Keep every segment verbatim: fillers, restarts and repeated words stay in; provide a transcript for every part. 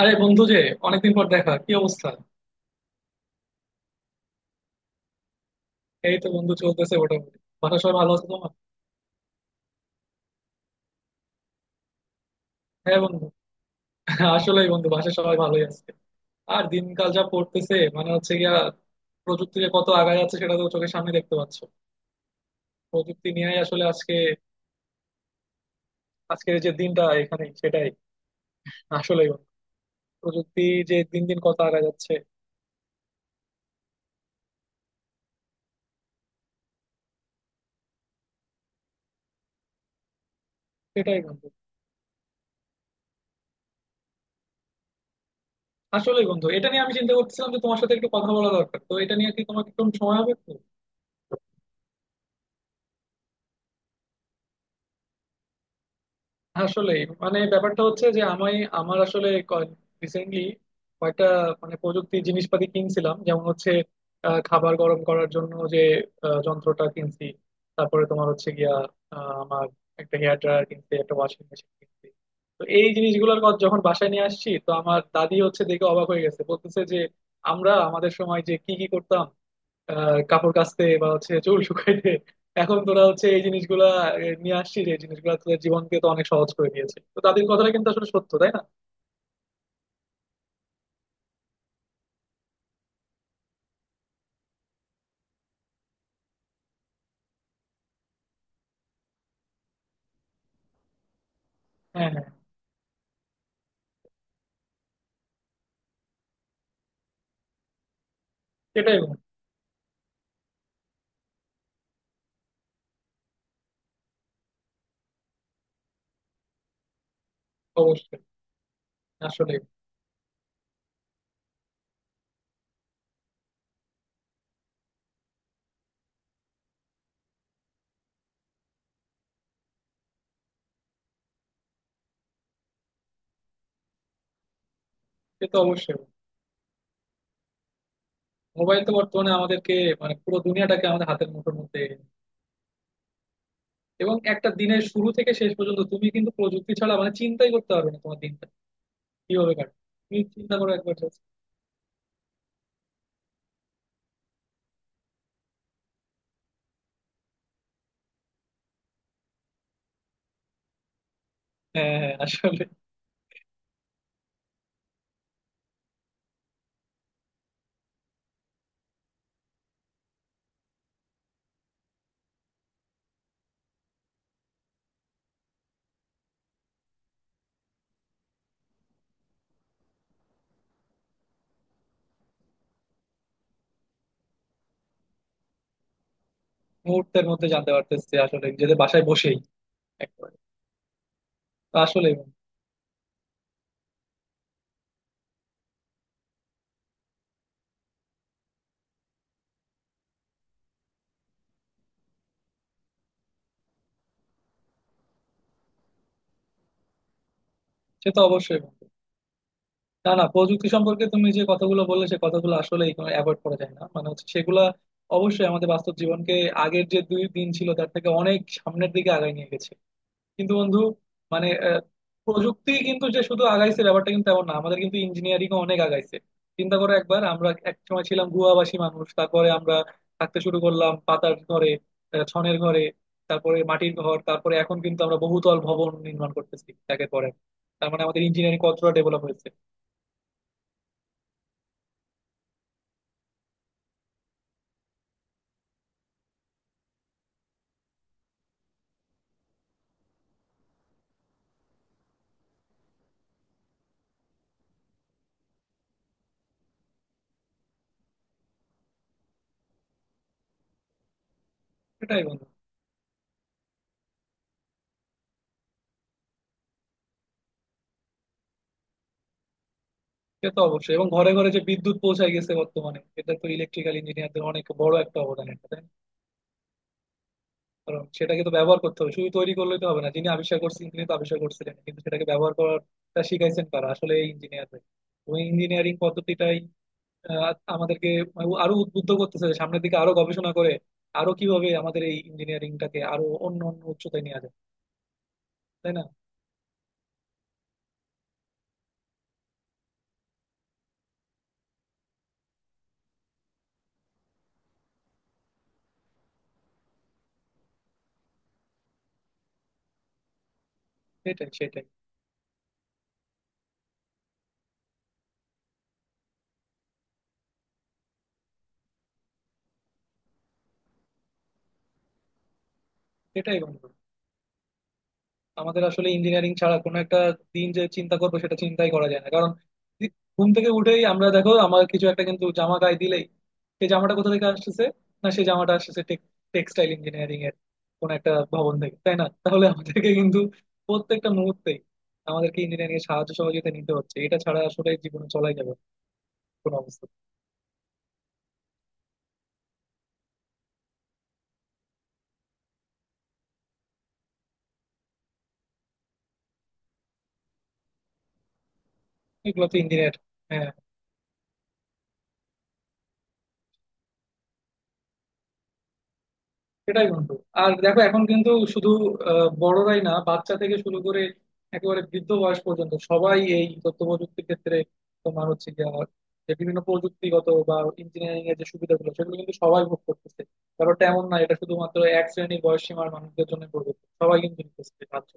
আরে বন্ধু যে অনেকদিন পর দেখা, কি অবস্থা? এই তো বন্ধু, চলতেছে মোটামুটি, বাসার সবাই ভালো আছে, তোমার? হ্যাঁ বন্ধু। আসলেই বন্ধু, বাসার সবাই ভালোই আছে। আর দিনকাল যা পড়তেছে, মানে হচ্ছে গিয়া প্রযুক্তি যে কত আগায় যাচ্ছে সেটা তো চোখের সামনে দেখতে পাচ্ছ। প্রযুক্তি নিয়েই আসলে আজকে, আজকের যে দিনটা, এখানে সেটাই। আসলেই বন্ধু, প্রযুক্তি যে দিন দিন কত আগায় যাচ্ছে। সেটাই বন্ধু। আসলেই বন্ধু, এটা নিয়ে আমি চিন্তা করতেছিলাম যে তোমার সাথে একটু কথা বলা দরকার। তো এটা নিয়ে কি তোমার একটু সময় হবে একটু? আসলে মানে ব্যাপারটা হচ্ছে যে আমি, আমার আসলে রিসেন্টলি কয়েকটা মানে প্রযুক্তি জিনিসপাতি কিনছিলাম। যেমন হচ্ছে আহ, খাবার গরম করার জন্য যে আহ, যন্ত্রটা কিনছি। তারপরে তোমার হচ্ছে গিয়া আহ, আমার একটা হেয়ার ড্রায়ার কিনছি, একটা ওয়াশিং মেশিন কিনছি। তো এই জিনিসগুলোর কথা যখন বাসায় নিয়ে আসছি, তো আমার দাদি হচ্ছে দেখে অবাক হয়ে গেছে, বলতেছে যে আমরা আমাদের সময় যে কি কি করতাম, আহ কাপড় কাচতে বা হচ্ছে চুল শুকাইতে। এখন তোরা হচ্ছে এই জিনিসগুলা আহ, নিয়ে আসছিস, এই জিনিসগুলা তোদের জীবনকে তো অনেক সহজ করে দিয়েছে। তো তাদের কথাটা কিন্তু আসলে সত্য, তাই না? হ্যাঁ হ্যাঁ। সেটাই বন্ধু, অবশ্যই। আসলে সে তো অবশ্যই। মোবাইল তো বর্তমানে আমাদেরকে, মানে পুরো দুনিয়াটাকে আমাদের হাতের মুঠোর মধ্যে এনে দিয়েছে। এবং একটা দিনের শুরু থেকে শেষ পর্যন্ত তুমি কিন্তু প্রযুক্তি ছাড়া মানে চিন্তাই করতে পারবে না তোমার দিনটা কিভাবে কাটবে। তুমি চিন্তা করো একবার just। হ্যাঁ হ্যাঁ হ্যাঁ, আসলে মুহূর্তের মধ্যে জানতে পারতেছি আসলে যেতে বাসায় বসেই একবার। আসলে সে তো অবশ্যই বন্ধু। না না, প্রযুক্তি সম্পর্কে তুমি যে কথাগুলো বললে সে কথাগুলো আসলে অ্যাভয়েড করা যায় না, মানে হচ্ছে সেগুলা অবশ্যই আমাদের বাস্তব জীবনকে আগের যে দুই দিন ছিল তার থেকে অনেক সামনের দিকে আগায় নিয়ে গেছে। কিন্তু বন্ধু মানে আহ, প্রযুক্তি কিন্তু যে শুধু আগাইছে ব্যাপারটা কিন্তু এমন না, আমাদের কিন্তু ইঞ্জিনিয়ারিং অনেক আগাইছে। চিন্তা করো একবার, আমরা এক সময় ছিলাম গুহাবাসী মানুষ, তারপরে আমরা থাকতে শুরু করলাম পাতার ঘরে, আহ, ছনের ঘরে, তারপরে মাটির ঘর, তারপরে এখন কিন্তু আমরা বহুতল ভবন নির্মাণ করতেছি একের পরে। তার মানে আমাদের ইঞ্জিনিয়ারিং কতটা ডেভেলপ হয়েছে। এটাই বন্ধু। সে তো অবশ্যই, এবং ঘরে ঘরে যে বিদ্যুৎ পৌঁছায় গেছে বর্তমানে, এটা তো ইলেকট্রিক্যাল ইঞ্জিনিয়ারদের অনেক বড় একটা অবদান, এটা তাই না? কারণ সেটাকে তো ব্যবহার করতে হবে, শুধু তৈরি করলেই তো হবে না। যিনি আবিষ্কার করছেন তিনি তো আবিষ্কার করছিলেন, কিন্তু সেটাকে ব্যবহার করাটা শিখাইছেন কারা, আসলে এই ইঞ্জিনিয়ারদের ওই ইঞ্জিনিয়ারিং পদ্ধতিটাই আহ, আমাদেরকে আরো উদ্বুদ্ধ করতেছে যে সামনের দিকে আরো গবেষণা করে আরো কিভাবে আমাদের এই ইঞ্জিনিয়ারিংটাকে আরো অন্য অন্য উচ্চতায় নিয়ে যায়, তাই না? সেটাই সেটাই সেটাই বন্ধু, আমাদের আসলে ইঞ্জিনিয়ারিং ছাড়া কোনো একটা দিন যে চিন্তা করবো সেটা চিন্তাই করা যায় না। কারণ দি- ঘুম থেকে উঠেই আমরা দেখো, আমার কিছু একটা কিন্তু জামা গায়ে দিলেই সেই জামাটা কোথা থেকে আসতেছে, না সেই জামাটা আসতেছে টেক্সটাইল ইঞ্জিনিয়ারিং এর কোন একটা ভবন থেকে, তাই না? তাহলে আমাদেরকে কিন্তু প্রত্যেকটা মুহূর্তেই আমাদেরকে ইঞ্জিনিয়ারিং এর সাহায্য সহযোগিতা নিতে হচ্ছে, এটা ছাড়া আসলে জীবনে চলাই যাবে না কোনো অবস্থা। এগুলো তো ইঞ্জিনিয়ার। সেটাই বন্ধু, আর দেখো এখন কিন্তু শুধু আহ, বড়রাই না, বাচ্চা থেকে শুরু করে একেবারে বৃদ্ধ বয়স পর্যন্ত সবাই এই তথ্য প্রযুক্তির ক্ষেত্রে তোমার হচ্ছে গিয়ে আমার যে বিভিন্ন প্রযুক্তিগত বা ইঞ্জিনিয়ারিং এর যে সুবিধাগুলো সেগুলো কিন্তু সবাই ভোগ করতেছে। ব্যাপারটা এমন না এটা শুধুমাত্র এক শ্রেণীর বয়স সীমার মানুষদের জন্য প্রযোজ্য, সবাই কিন্তু নিতেছে এই সাহায্য।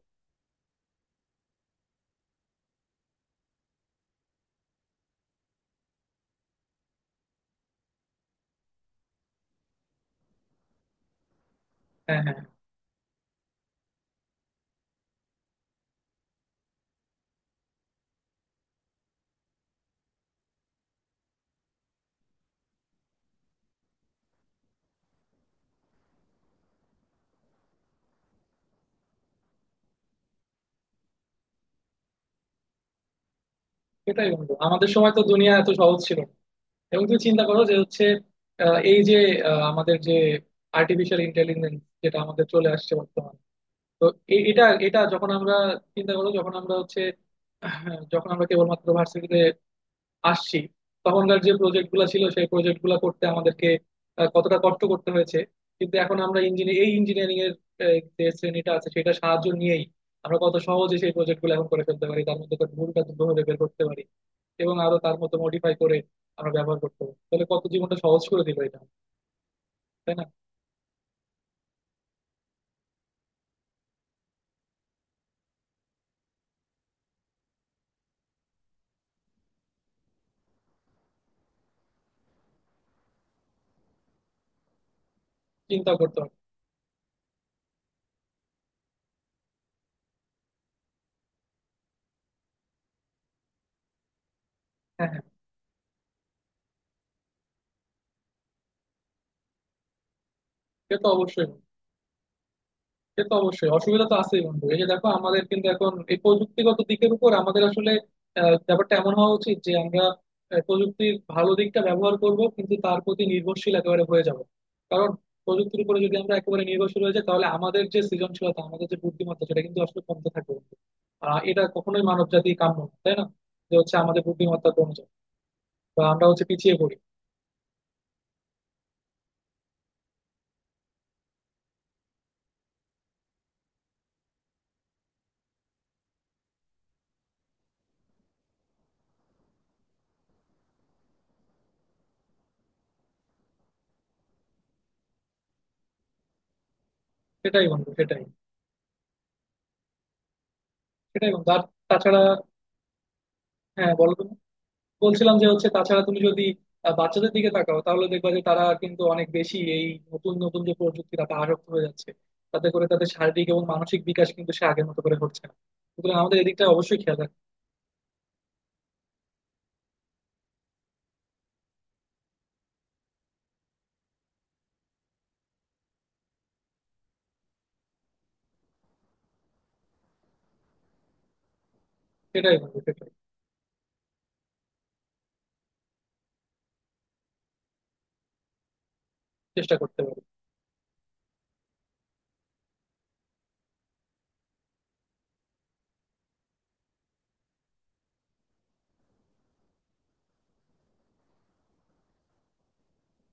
হ্যাঁ হ্যাঁ। সেটাই বন্ধু, আমাদের সময় তো দুনিয়া এত সহজ ছিল না। এবং তুমি চিন্তা করো যে হচ্ছে আহ, এই যে আহ, আমাদের যে আর্টিফিশিয়াল ইন্টেলিজেন্স যেটা আমাদের চলে আসছে বর্তমানে। তো এ- এটা এটা যখন আমরা চিন্তা করো, যখন আমরা হচ্ছে আহ, যখন আমরা কেবলমাত্র ভার্সিটিতে আসছি, তখনকার যে প্রজেক্ট গুলা ছিল সেই প্রজেক্ট গুলা করতে আমাদেরকে আহ, কতটা কষ্ট করতে হয়েছে। কিন্তু এখন আমরা ইঞ্জিনিয়ার এই ইঞ্জিনিয়ারিং এর আহ, যে শ্রেণীটা আছে সেটা সাহায্য নিয়েই আমরা কত সহজে সেই প্রজেক্ট গুলো এখন করে ফেলতে পারি, তার মধ্যে তার ভুলটা দ্রুতভাবে বের করতে পারি এবং আরো তার মতো মডিফাই করে আমরা ব্যবহার করতে পারি। তাহলে কত জীবনটা সহজ করে দিল এটা, তাই না? চিন্তা করতে হবে। হ্যাঁ হ্যাঁ। সে তো অবশ্যই, সে তো অবশ্যই, অসুবিধা তো আছেই বন্ধু। এই যে দেখো আমাদের কিন্তু এখন এই প্রযুক্তিগত দিকের উপর আমাদের আসলে আহ, ব্যাপারটা এমন হওয়া উচিত যে আমরা আহ, প্রযুক্তির ভালো দিকটা ব্যবহার করব, কিন্তু তার প্রতি নির্ভরশীল একেবারে হয়ে যাব। কারণ প্রযুক্তির উপরে যদি আমরা একেবারে নির্ভরশীল হয়ে যাই তাহলে আমাদের যে সৃজনশীলতা আমাদের যে বুদ্ধিমত্তা সেটা কিন্তু আসলে কমতে থাকবে বন্ধু। আহ এটা কখনোই মানব জাতি কাম্য না, তাই না? যে হচ্ছে আমাদের বুদ্ধিমত্তা কমে যায় বা আমরা হচ্ছে পিছিয়ে পড়ি। সেটাই বন্ধু সেটাই সেটাই বন্ধু আর তাছাড়া, হ্যাঁ বলো তুমি। বলছিলাম যে হচ্ছে, তাছাড়া তুমি যদি আহ, বাচ্চাদের দিকে তাকাও তাহলে দেখবা যে তারা কিন্তু অনেক বেশি এই নতুন নতুন যে প্রযুক্তি তাতে আসক্ত হয়ে যাচ্ছে। তাতে করে তাদের শারীরিক এবং মানসিক বিকাশ কিন্তু সে আগের মতো করে হচ্ছে না। সুতরাং আমাদের এদিকটা অবশ্যই খেয়াল রাখতে হবে। সেটাই বন্ধু সেটাই চেষ্টা করতে পারি।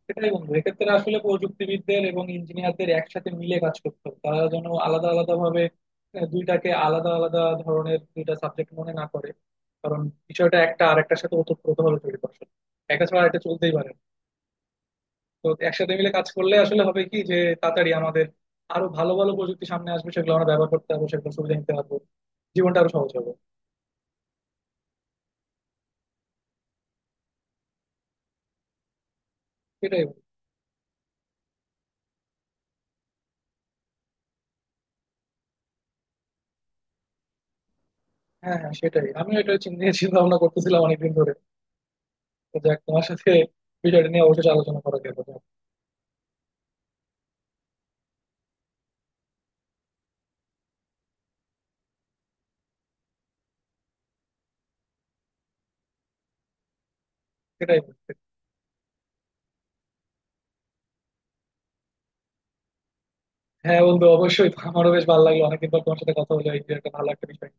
সেটাই বন্ধু, এক্ষেত্রে আসলে প্রযুক্তিবিদদের এবং ইঞ্জিনিয়ারদের একসাথে মিলে কাজ করতে হবে। তারা যেন আলাদা আলাদা ভাবে আহ, দুইটাকে আলাদা আলাদা ধরনের দুইটা সাবজেক্ট মনে না করে, কারণ বিষয়টা একটা আরেকটার সাথে ওতপ্রোতভাবে জড়িত আসলে, একটা ছাড়া একটা চলতেই পারে না। তো একসাথে মিলে কাজ করলে আসলে হবে কি যে তাড়াতাড়ি আমাদের আরো ভালো ভালো প্রযুক্তি সামনে আসবে, সেগুলো আমরা ব্যবহার করতে পারবো, সেগুলো সুবিধা নিতে পারবো, জীবনটা আরো সহজ হবে। সেটাই বলি। হ্যাঁ হ্যাঁ, সেটাই, আমিও এটা চিন্তা চিন্তা ভাবনা করতেছিলাম অনেকদিন ধরে। তো যাক, তোমার সাথে বিষয়টা নিয়ে অবশ্যই আলোচনা করা গেল, যাক, সেটাই বলতে। হ্যাঁ বন্ধু, অবশ্যই আমারও বেশ ভালো লাগলো, অনেকদিন পর তোমার সাথে কথা হলো, এই যে একটা ভালো একটা বিষয়।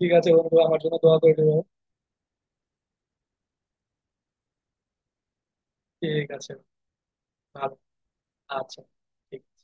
ঠিক আছে বন্ধু, আমার জন্য দোয়া করে দেবো। ঠিক আছে, ভালো, আচ্ছা ঠিক আছে।